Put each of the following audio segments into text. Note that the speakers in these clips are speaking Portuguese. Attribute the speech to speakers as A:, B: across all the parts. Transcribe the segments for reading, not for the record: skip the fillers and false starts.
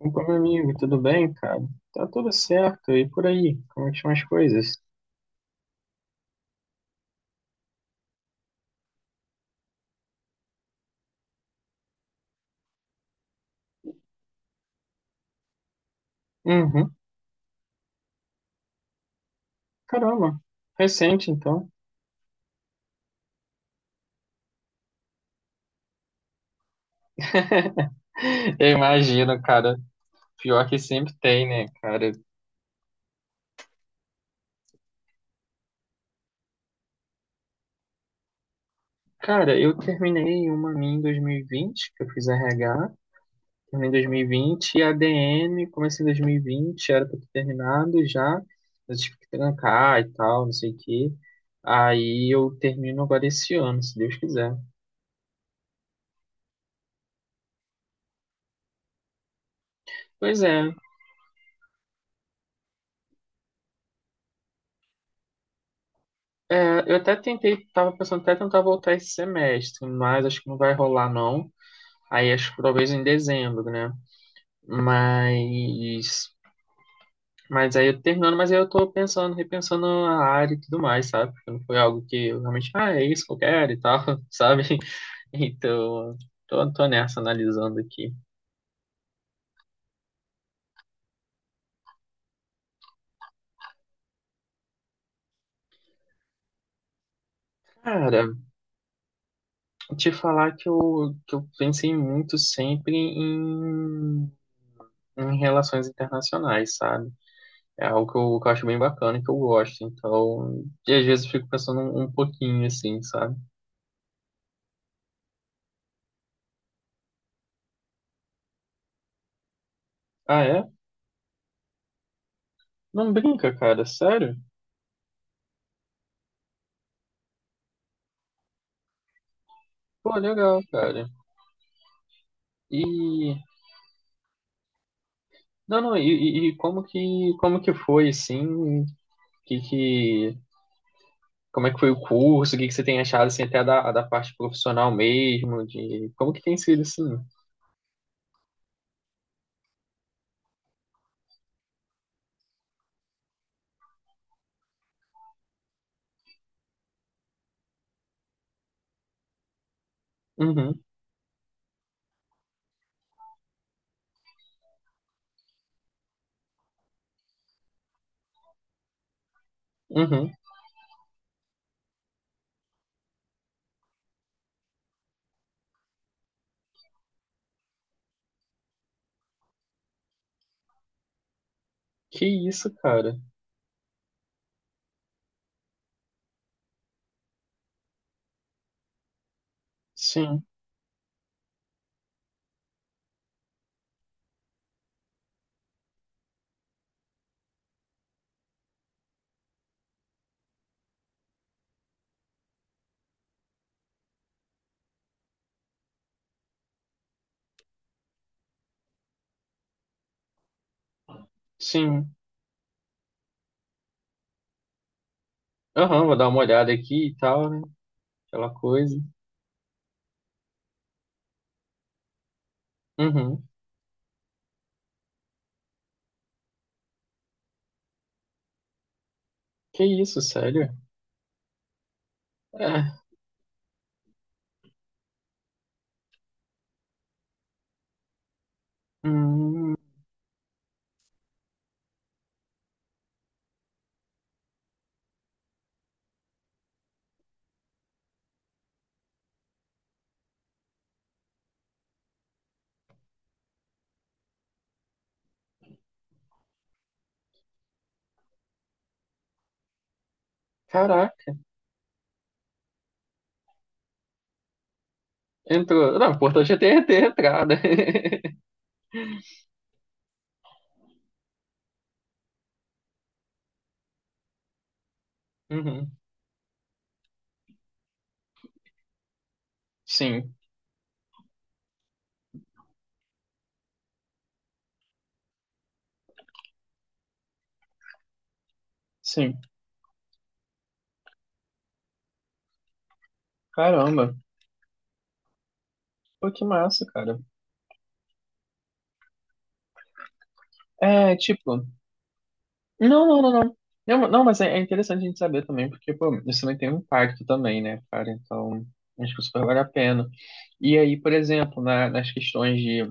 A: Opa, meu amigo, tudo bem, cara? Tá tudo certo. E por aí, como é que estão as coisas? Uhum. Caramba, recente então. Eu imagino, cara. Pior que sempre tem, né, cara? Cara, eu terminei uma minha em 2020, que eu fiz RH, terminei em 2020, e vinte, e a DM comecei em 2020, era pra ter terminado já, eu tive que trancar e tal, não sei o quê. Aí eu termino agora esse ano, se Deus quiser. Pois é. É, eu até tentei, tava pensando até tentar voltar esse semestre, mas acho que não vai rolar não. Aí acho que talvez em dezembro, né? Mas, mas aí eu terminando, mas aí eu tô pensando, repensando a área e tudo mais, sabe? Porque não foi algo que eu realmente, ah, é isso que eu quero e tal, sabe? Então, tô nessa analisando aqui. Cara, te falar que que eu pensei muito sempre em, em relações internacionais, sabe? É algo que que eu acho bem bacana e que eu gosto. Então, e às vezes eu fico pensando um pouquinho assim, sabe? Ah, é? Não brinca, cara, sério? Pô, legal, cara. E não, não, e como que foi assim? Que como é que foi o curso? O que que você tem achado assim até da, da parte profissional mesmo, de como que tem sido assim? Uhum, uhum. Que isso, cara? Sim, sim. Aham, vou dar uma olhada aqui e tal, né? Aquela coisa. Uhum. Que isso, sério? É. Hum, caraca. Entrou. Não, o importante é ter, ter entrada. Uhum. Sim, sim. Caramba. Pô, que massa, cara. É, tipo. Não, não. Não, não, mas é, é interessante a gente saber também, porque, pô, isso também tem um impacto também, né, cara? Então, acho que super vale a pena. E aí, por exemplo, nas questões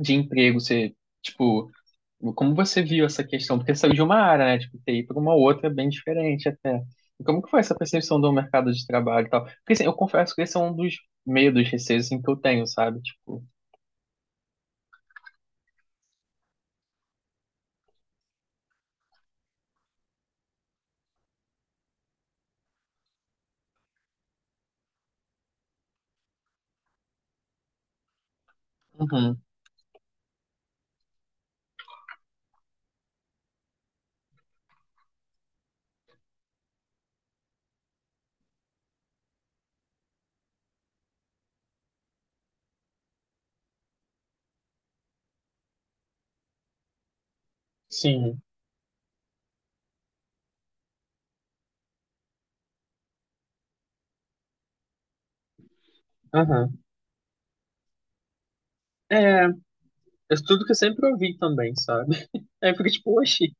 A: de emprego, você, tipo. Como você viu essa questão? Porque saiu de uma área, né? Tipo, TI para uma outra é bem diferente até. E como que foi essa percepção do mercado de trabalho e tal? Porque assim, eu confesso que esse é um dos medos, receios assim, que eu tenho, sabe? Tipo, uhum. Sim. Aham. É, é tudo que eu sempre ouvi também, sabe? Aí porque tipo, oxi.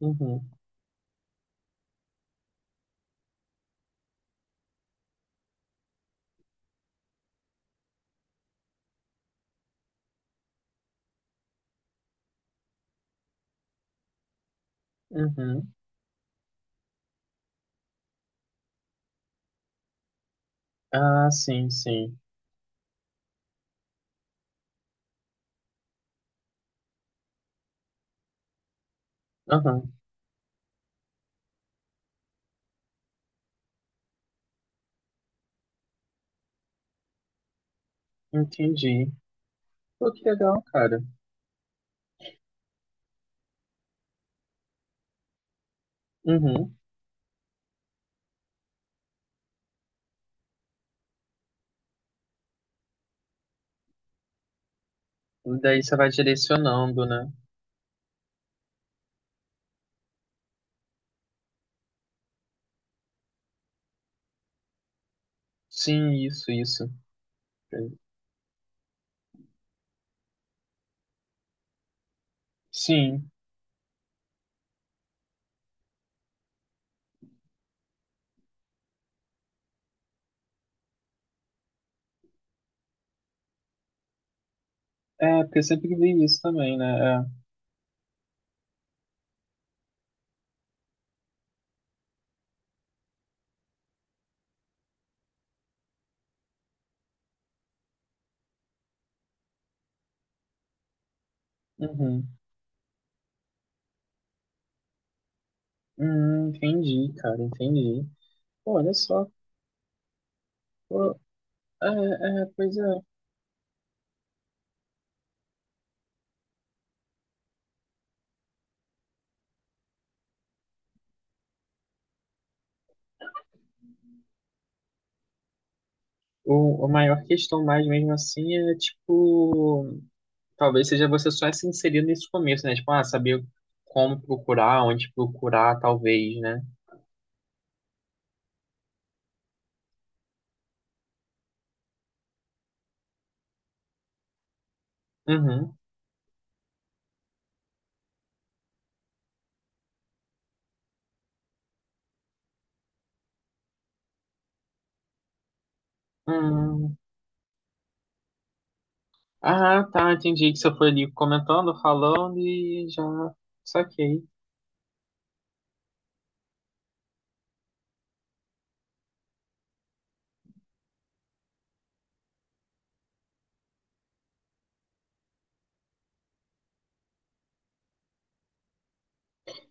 A: Uhum, uhum. Ah, sim, sim. Aham, entendi. Pô, que legal, cara. Uhum. Daí você vai direcionando, né? Sim, isso, isso. Sim. É, porque eu sempre vi isso também, né? É. Uhum. Entendi, cara, entendi. Pô, olha só. Pô, é, é, pois é. O, a maior questão mais mesmo assim é, tipo, talvez seja você só se inserir nesse começo, né? Tipo, ah, saber como procurar, onde procurar, talvez, né? Uhum. Hum. Ah, tá, entendi que você foi ali comentando, falando e já saquei.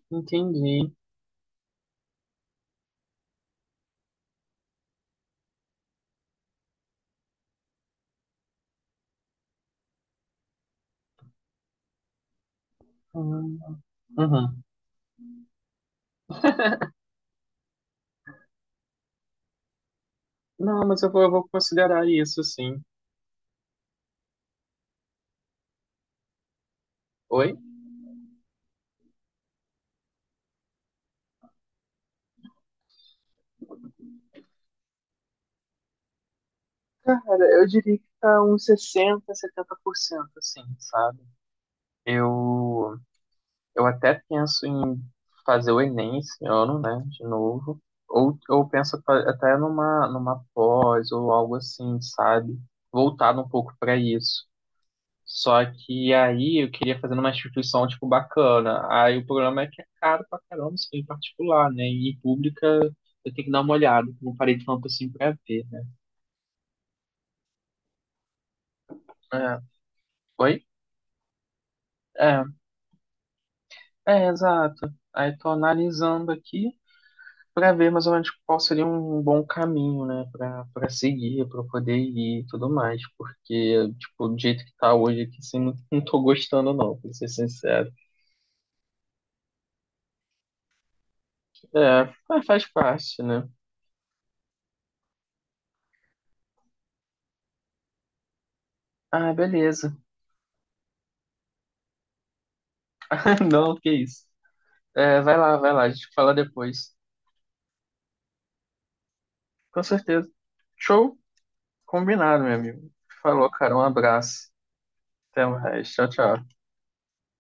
A: Entendi. Hum. Uhum. Não, mas eu vou considerar isso, sim. Oi? Cara, eu diria que tá uns 60 70% assim, sabe? Eu, eu até penso em fazer o Enem esse ano, né, de novo. Ou eu penso até numa pós ou algo assim, sabe? Voltado um pouco para isso. Só que aí eu queria fazer numa instituição, tipo, bacana. Aí o problema é que é caro pra caramba, isso em particular, né? E em pública eu tenho que dar uma olhada, que eu não parei tanto assim pra ver, né? É. Oi? É. É, exato. Aí tô analisando aqui para ver mais ou menos qual seria um bom caminho, né, para seguir, para poder ir e tudo mais, porque tipo, do jeito que tá hoje aqui, assim, não tô gostando não, pra ser sincero. É, mas faz parte, né? Ah, beleza. Não, que isso. É, vai lá, a gente fala depois. Com certeza. Show? Combinado, meu amigo. Falou, cara, um abraço. Até mais. Tchau, tchau.